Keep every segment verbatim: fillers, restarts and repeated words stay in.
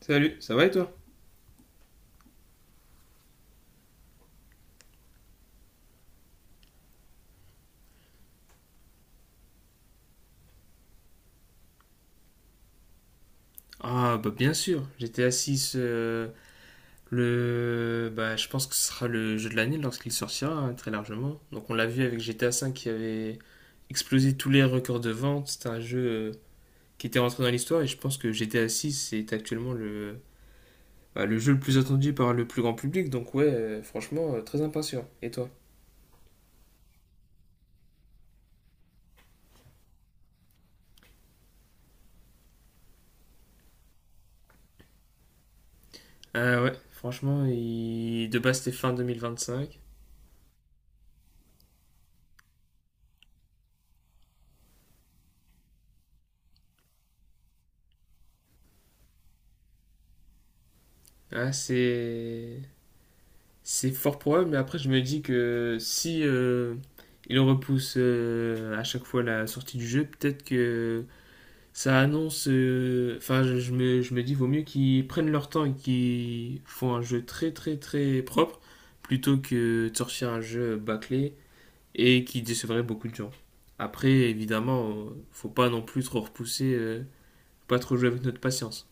Salut, ça va et toi? Ah, bah bien sûr, G T A six, euh, le, bah, je pense que ce sera le jeu de l'année lorsqu'il sortira, hein, très largement. Donc on l'a vu avec G T A cinq qui avait explosé tous les records de vente, c'était un jeu euh, qui était rentré dans l'histoire, et je pense que G T A six est actuellement le, bah, le jeu le plus attendu par le plus grand public. Donc ouais, euh, franchement, euh, très impatient. Et toi? Ah ouais, franchement, il- de base c'était fin deux mille vingt-cinq. Ah, c'est... C'est fort probable, mais après, je me dis que si euh, il repousse euh, à chaque fois la sortie du jeu, peut-être que ça annonce. euh, Enfin, je, je me, je me dis, vaut mieux qu'ils prennent leur temps et qu'ils font un jeu très, très, très propre plutôt que de sortir un jeu bâclé et qui décevrait beaucoup de gens. Après, évidemment, euh, faut pas non plus trop repousser, euh, pas trop jouer avec notre patience.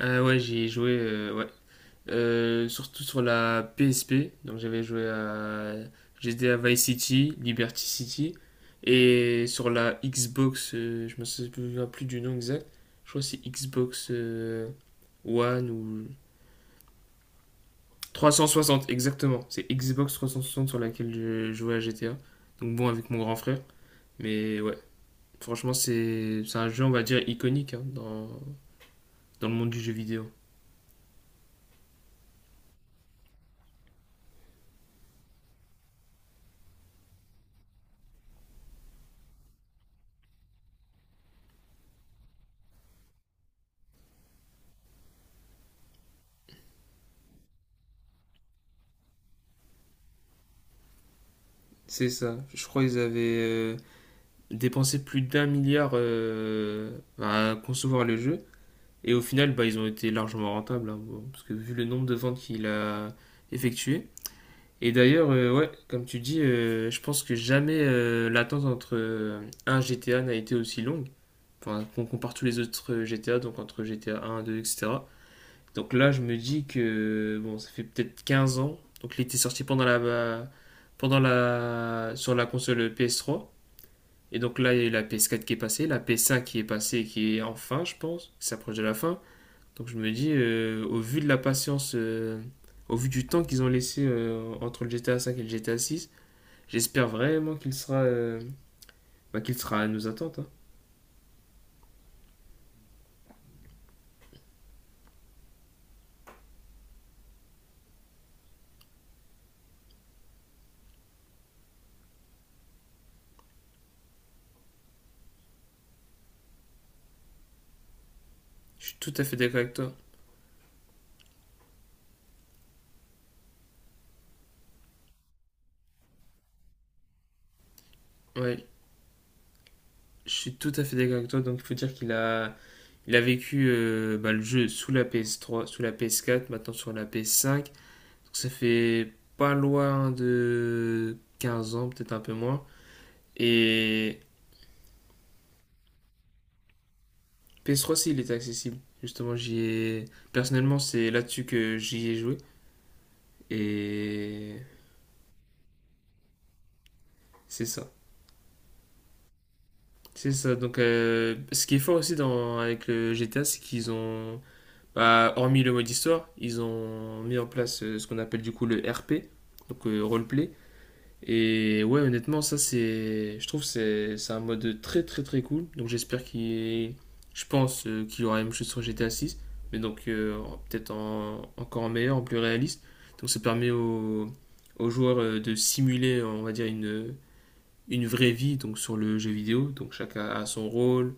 Ah ouais, j'ai joué, euh, ouais, euh, surtout sur la P S P. Donc j'avais joué à G T A Vice City, Liberty City. Et sur la Xbox, euh, je me souviens plus du nom exact. Je crois que c'est Xbox euh, One ou trois cent soixante exactement. C'est Xbox trois cent soixante sur laquelle je jouais à G T A. Donc bon, avec mon grand frère. Mais ouais, franchement, c'est c'est un jeu on va dire iconique, hein, dans, dans le monde du jeu vidéo. C'est ça. Je crois qu'ils avaient euh, dépenser plus d'un milliard euh, à concevoir le jeu. Et au final, bah, ils ont été largement rentables, hein, bon, parce que vu le nombre de ventes qu'il a effectuées. Et d'ailleurs, euh, ouais, comme tu dis, euh, je pense que jamais euh, l'attente entre euh, un G T A n'a été aussi longue. Enfin, on compare tous les autres G T A, donc entre G T A un, deux, et cetera. Donc là, je me dis que bon, ça fait peut-être quinze ans. Donc il était sorti pendant la, bah, pendant la, sur la console P S trois. Et donc là, il y a eu la P S quatre qui est passée, la P S cinq qui est passée, qui est enfin, je pense, qui s'approche de la fin. Donc je me dis, euh, au vu de la patience, euh, au vu du temps qu'ils ont laissé euh, entre le G T A cinq et le G T A six, j'espère vraiment qu'il sera, euh, bah, qu'il sera à nos attentes, hein. Je suis tout à fait d'accord avec toi. Ouais, je suis tout à fait d'accord avec toi. Donc il faut dire qu'il a, il a vécu euh, bah, le jeu sous la P S trois, sous la P S quatre, maintenant sur la P S cinq. Donc ça fait pas loin de quinze ans, peut-être un peu moins. Et P S trois, si, il était accessible. Justement, j'y ai... Personnellement, c'est là-dessus que j'y ai joué. Et c'est ça. C'est ça. Donc, euh, ce qui est fort aussi dans... avec le G T A, c'est qu'ils ont... bah, hormis le mode histoire, ils ont mis en place euh, ce qu'on appelle du coup le R P, donc euh, roleplay. Et ouais, honnêtement, ça c'est, je trouve que c'est c'est un mode très très très cool. Donc j'espère qu'il, je pense euh, qu'il y aura la même chose sur G T A six, mais donc euh, peut-être en- encore en meilleur, en plus réaliste. Donc ça permet aux, aux joueurs euh, de simuler, on va dire, une une vraie vie donc sur le jeu vidéo. Donc chacun a son rôle.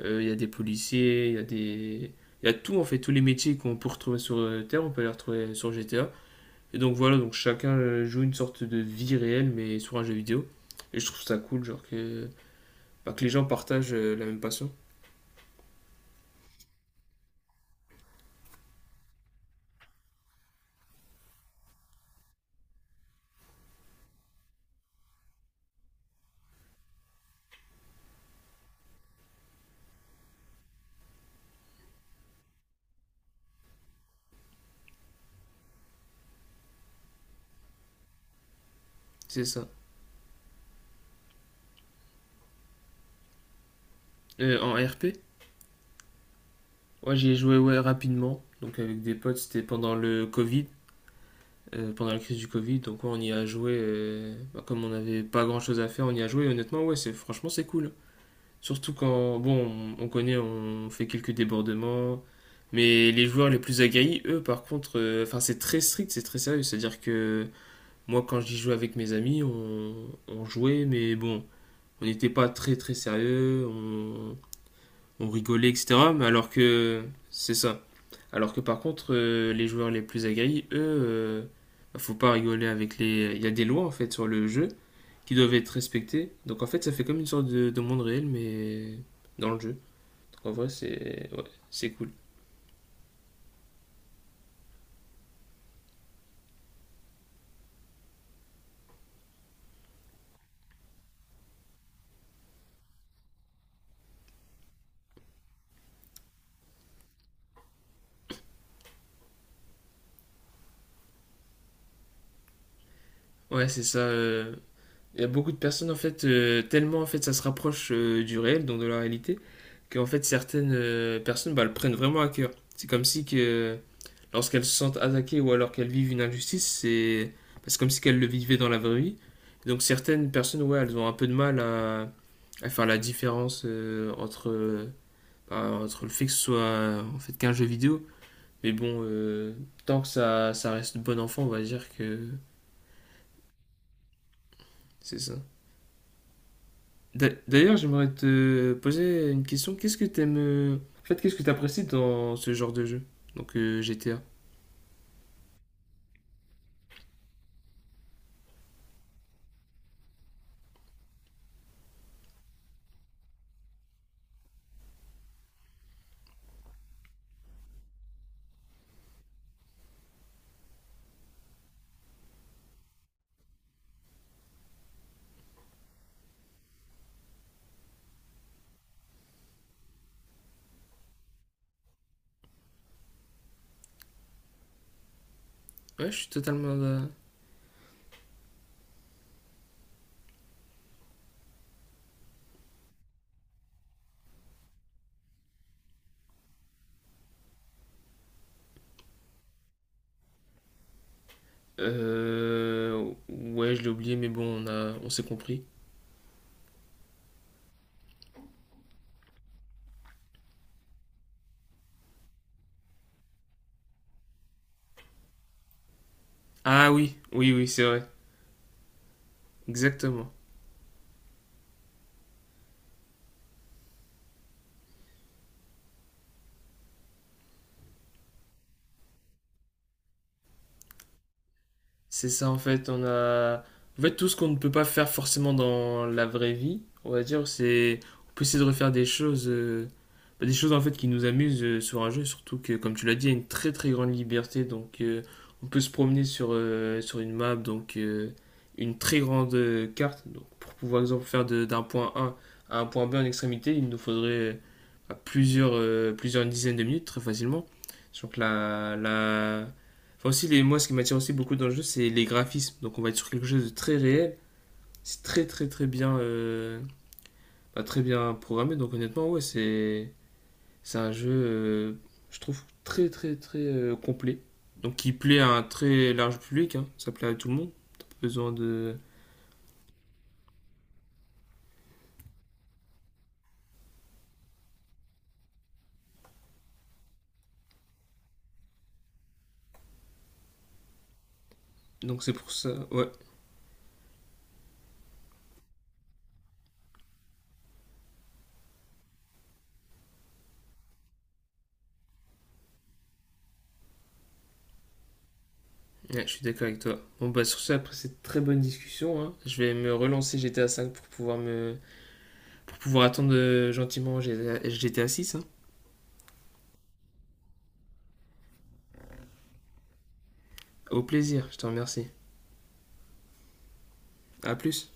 Euh, Il y a des policiers, il y a des, il y a tout, en fait tous les métiers qu'on peut retrouver sur euh, Terre, on peut les retrouver sur G T A. Et donc voilà, donc chacun euh, joue une sorte de vie réelle, mais sur un jeu vidéo. Et je trouve ça cool, genre que, bah, que les gens partagent euh, la même passion. C'est ça. Euh, en R P, ouais, j'y ai joué, ouais, rapidement. Donc avec des potes, c'était pendant le Covid, euh, pendant la crise du Covid. Donc ouais, on y a joué, euh, bah, comme on n'avait pas grand-chose à faire, on y a joué. Et honnêtement, ouais, c'est franchement c'est cool. Surtout quand, bon, on, on connaît, on fait quelques débordements. Mais les joueurs les plus aguerris, eux, par contre, euh, enfin c'est très strict, c'est très sérieux. C'est-à-dire que moi, quand j'y jouais avec mes amis, on, on jouait, mais bon, on n'était pas très très sérieux, on, on rigolait, et cetera. Mais alors que c'est ça. Alors que par contre, euh, les joueurs les plus aguerris, eux, euh, bah, faut pas rigoler avec les. Il y a des lois en fait sur le jeu qui doivent être respectées. Donc en fait, ça fait comme une sorte de, de monde réel, mais dans le jeu. Donc en vrai, c'est ouais, c'est cool. Ouais, c'est ça. euh, Il y a beaucoup de personnes, en fait, euh, tellement en fait, ça se rapproche euh, du réel, donc de la réalité, qu'en fait, certaines euh, personnes, bah, le prennent vraiment à cœur. C'est comme si que lorsqu'elles se sentent attaquées ou alors qu'elles vivent une injustice, c'est bah, c'est comme si qu'elles le vivaient dans la vraie vie. Donc certaines personnes, ouais, elles ont un peu de mal à, à faire la différence euh, entre, euh, bah, entre le fait que ce soit euh, en fait qu'un jeu vidéo. Mais bon, euh, tant que ça, ça reste bon enfant, on va dire que c'est ça. D'a- D'ailleurs, j'aimerais te poser une question. Qu'est-ce que t'aimes... euh, En fait, qu'est-ce que t'apprécies dans ce genre de jeu? Donc euh, G T A. Ouais, je suis totalement... euh, euh, Ouais, je l'ai oublié, mais bon, on a... on s'est compris. Ah oui, oui, oui, c'est vrai. Exactement. C'est ça, en fait, on a en fait tout ce qu'on ne peut pas faire forcément dans la vraie vie, on va dire, c'est on peut essayer de refaire des choses euh, bah, des choses en fait qui nous amusent euh, sur un jeu, surtout que comme tu l'as dit, il y a une très très grande liberté. Donc euh, on peut se promener sur euh, sur une map, donc euh, une très grande euh, carte, donc pour pouvoir exemple faire de- d'un point A à un point B en extrémité, il nous faudrait euh, à plusieurs euh, plusieurs dizaines de minutes très facilement. Donc la la Enfin aussi, les, moi, ce qui m'attire aussi beaucoup dans le jeu, c'est les graphismes. Donc on va être sur quelque chose de très réel. C'est très très très bien, euh, bah, très bien programmé. Donc honnêtement, ouais, c'est c'est un jeu, euh, je trouve, très très très euh, complet. Donc qui plaît à un très large public, hein. Ça plaît à tout le monde. T'as pas besoin de donc c'est pour ça, ouais. Ouais, je suis d'accord avec toi. Bon, bah sur ça, après cette très bonne discussion, hein, je vais me relancer G T A cinq pour pouvoir me pour pouvoir attendre euh, gentiment G T A six. Au plaisir, je te remercie. À plus.